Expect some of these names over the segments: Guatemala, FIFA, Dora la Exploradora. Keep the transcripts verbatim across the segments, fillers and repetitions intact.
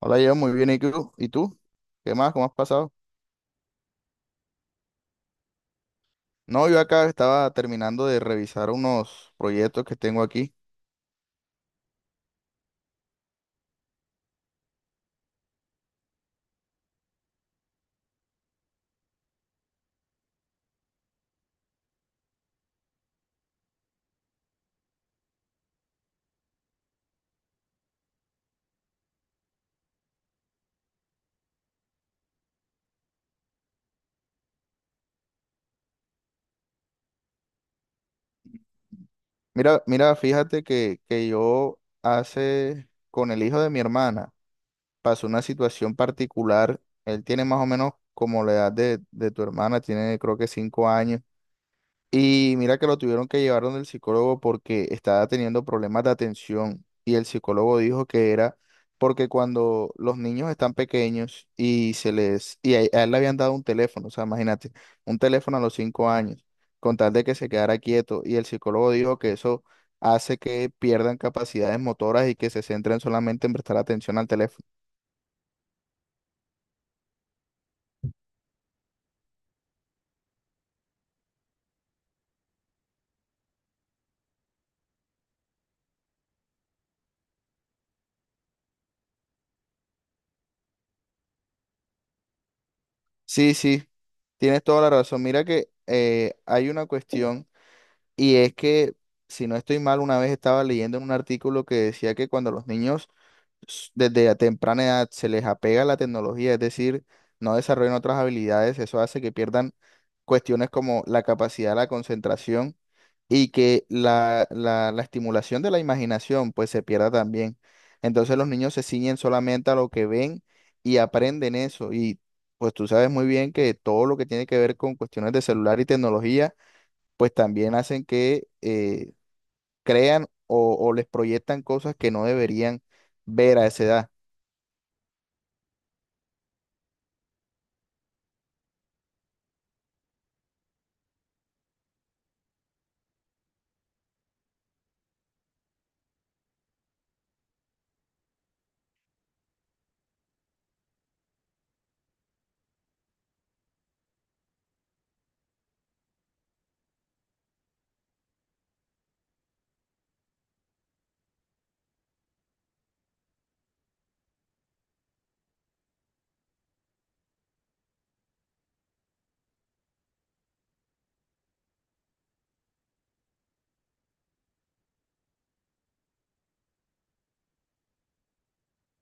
Hola, yo muy bien. ¿Y tú? ¿Y tú? ¿Qué más? ¿Cómo has pasado? No, yo acá estaba terminando de revisar unos proyectos que tengo aquí. Mira, mira, fíjate que, que yo hace con el hijo de mi hermana pasó una situación particular. Él tiene más o menos como la edad de, de tu hermana, tiene creo que cinco años. Y mira que lo tuvieron que llevar donde el psicólogo porque estaba teniendo problemas de atención, y el psicólogo dijo que era porque cuando los niños están pequeños y se les y a, a él le habían dado un teléfono. O sea, imagínate, un teléfono a los cinco años, con tal de que se quedara quieto. Y el psicólogo dijo que eso hace que pierdan capacidades motoras y que se centren solamente en prestar atención al teléfono. Sí, sí, tienes toda la razón. Mira que eh, hay una cuestión. Y es que, si no estoy mal, una vez estaba leyendo en un artículo que decía que cuando los niños s- desde a temprana edad se les apega la tecnología, es decir, no desarrollan otras habilidades, eso hace que pierdan cuestiones como la capacidad, la concentración, y que la, la, la estimulación de la imaginación pues se pierda también. Entonces los niños se ciñen solamente a lo que ven y aprenden eso. Y pues tú sabes muy bien que todo lo que tiene que ver con cuestiones de celular y tecnología pues también hacen que eh, crean o, o les proyectan cosas que no deberían ver a esa edad.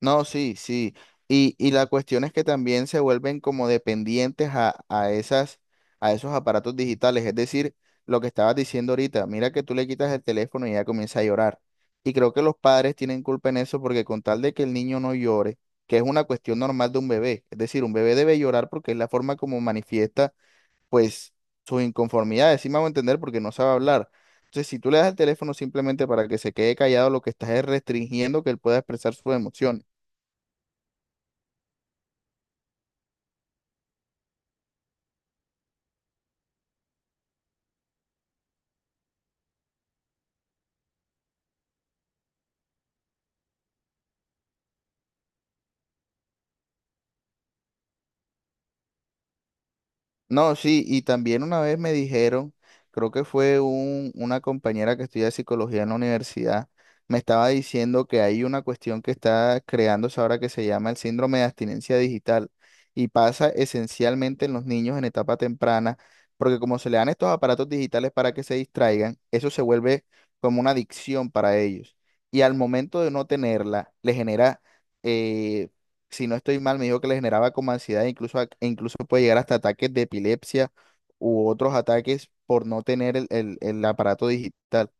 No, sí, sí. Y, y la cuestión es que también se vuelven como dependientes a, a esas, a esos aparatos digitales. Es decir, lo que estabas diciendo ahorita, mira que tú le quitas el teléfono y ella comienza a llorar. Y creo que los padres tienen culpa en eso, porque con tal de que el niño no llore, que es una cuestión normal de un bebé. Es decir, un bebé debe llorar porque es la forma como manifiesta pues sus inconformidades, sí me hago entender, porque no sabe hablar. Entonces, si tú le das el teléfono simplemente para que se quede callado, lo que estás es restringiendo que él pueda expresar sus emociones. No, sí, y también una vez me dijeron, creo que fue un- una compañera que estudia psicología en la universidad, me estaba diciendo que hay una cuestión que está creándose ahora que se llama el síndrome de abstinencia digital, y pasa esencialmente en los niños en etapa temprana, porque como se le dan estos aparatos digitales para que se distraigan, eso se vuelve como una adicción para ellos. Y al momento de no tenerla, le genera. eh, si no estoy mal, me dijo que le generaba como ansiedad, incluso, a- e incluso puede llegar hasta ataques de epilepsia u otros ataques por no tener el, el- el aparato digital.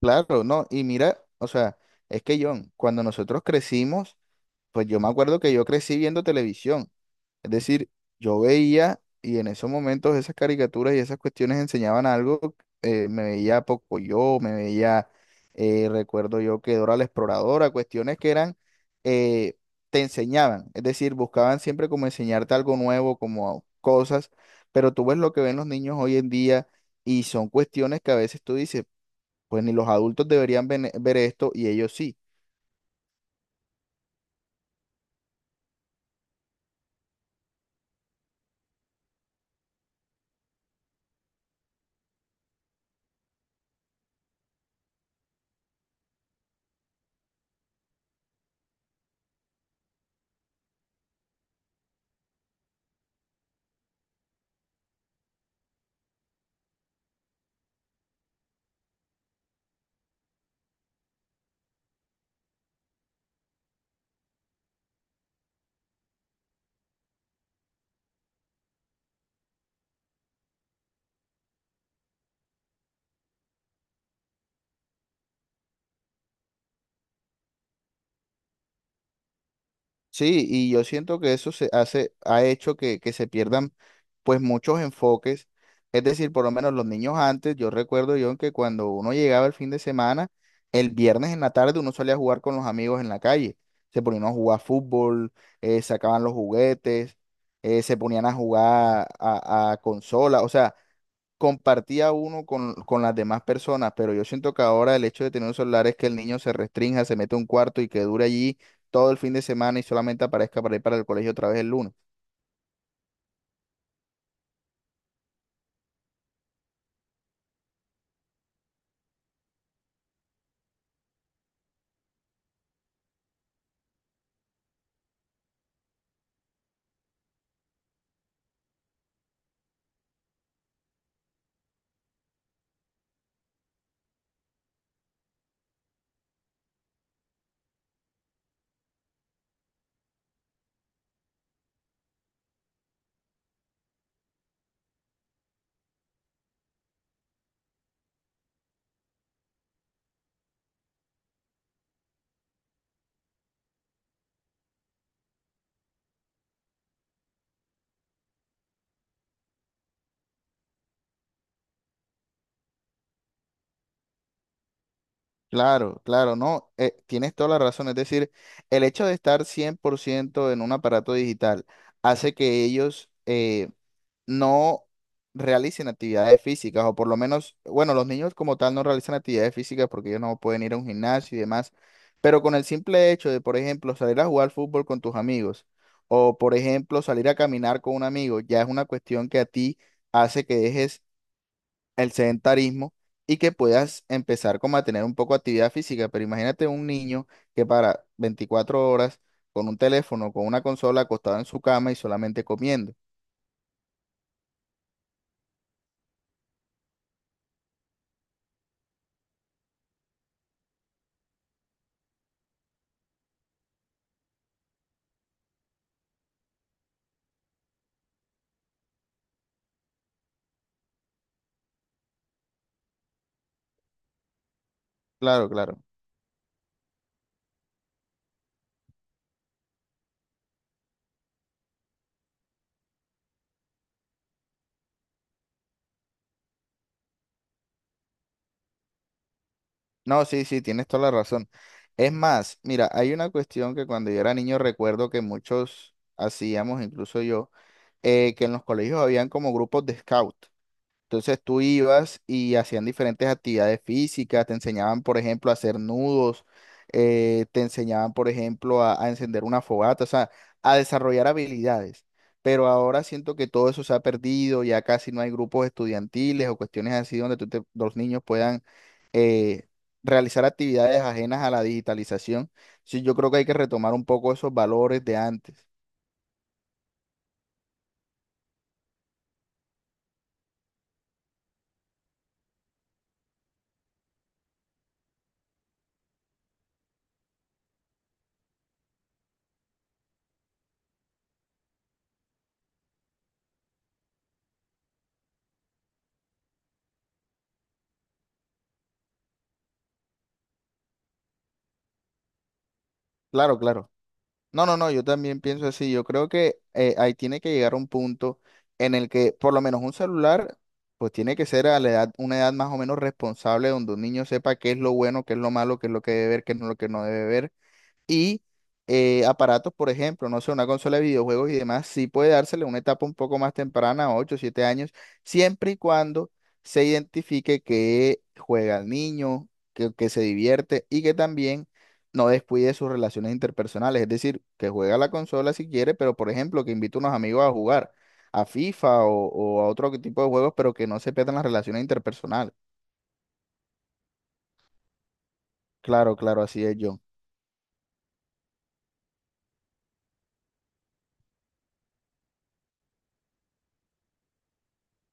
Claro, no, y mira, o sea, es que John, cuando nosotros crecimos, pues yo me acuerdo que yo crecí viendo televisión. Es decir, yo veía, y en esos momentos esas caricaturas y esas cuestiones enseñaban algo. Eh, me veía Yo me veía, eh, recuerdo yo, que Dora la Exploradora, cuestiones que eran, eh, te enseñaban. Es decir, buscaban siempre como enseñarte algo nuevo, como cosas, pero tú ves lo que ven los niños hoy en día, y son cuestiones que a veces tú dices, pues ni los adultos deberían ven- ver esto y ellos sí. Sí, y yo siento que eso se hace, ha hecho que, que se pierdan pues muchos enfoques. Es decir, por lo menos los niños antes, yo recuerdo yo que cuando uno llegaba el fin de semana, el viernes en la tarde uno salía a jugar con los amigos en la calle. Se ponían a jugar fútbol, eh, sacaban los juguetes, eh, se ponían a jugar a, a consola. O sea, compartía uno con, con las demás personas, pero yo siento que ahora el hecho de tener un celular es que el niño se restrinja, se mete a un cuarto y que dure allí todo el fin de semana, y solamente aparezca para ir para el colegio otra vez el lunes. Claro, claro, no, eh, tienes toda la razón. Es decir, el hecho de estar cien por ciento en un aparato digital hace que ellos eh, no realicen actividades físicas, o por lo menos, bueno, los niños como tal no realizan actividades físicas porque ellos no pueden ir a un gimnasio y demás, pero con el simple hecho de, por ejemplo, salir a jugar fútbol con tus amigos, o por ejemplo, salir a caminar con un amigo, ya es una cuestión que a ti hace que dejes el sedentarismo y que puedas empezar como a tener un poco de actividad física. Pero imagínate un niño que para veinticuatro horas con un teléfono, con una consola, acostado en su cama y solamente comiendo. Claro, claro. No, sí, sí, tienes toda la razón. Es más, mira, hay una cuestión que cuando yo era niño recuerdo que muchos hacíamos, incluso yo, eh, que en los colegios habían como grupos de scout. Entonces tú ibas y hacían diferentes actividades físicas, te enseñaban, por ejemplo, a hacer nudos, eh, te enseñaban, por ejemplo, a, a encender una fogata, o sea, a desarrollar habilidades. Pero ahora siento que todo eso se ha perdido, ya casi no hay grupos estudiantiles o cuestiones así donde tú te- los niños puedan eh, realizar actividades ajenas a la digitalización. Sí, yo creo que hay que retomar un poco esos valores de antes. Claro, claro. No, no, no, yo también pienso así. Yo creo que eh, ahí tiene que llegar un punto en el que por lo menos un celular, pues tiene que ser a la edad, una edad más o menos responsable, donde un niño sepa qué es lo bueno, qué es lo malo, qué es lo que debe ver, qué es lo que no debe ver, y eh, aparatos, por ejemplo, no sé, una consola de videojuegos y demás, sí puede dársele una etapa un poco más temprana, ocho siete años, siempre y cuando se identifique que juega al niño, que, que se divierte, y que también no descuide sus relaciones interpersonales. Es decir, que juega la consola si quiere, pero por ejemplo, que invite a unos amigos a jugar a F I F A o, o a otro tipo de juegos, pero que no se pierdan las relaciones interpersonales. Claro, claro, así es, John.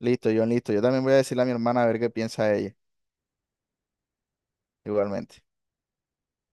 Listo, John, listo. Yo también voy a decirle a mi hermana a ver qué piensa ella, igualmente.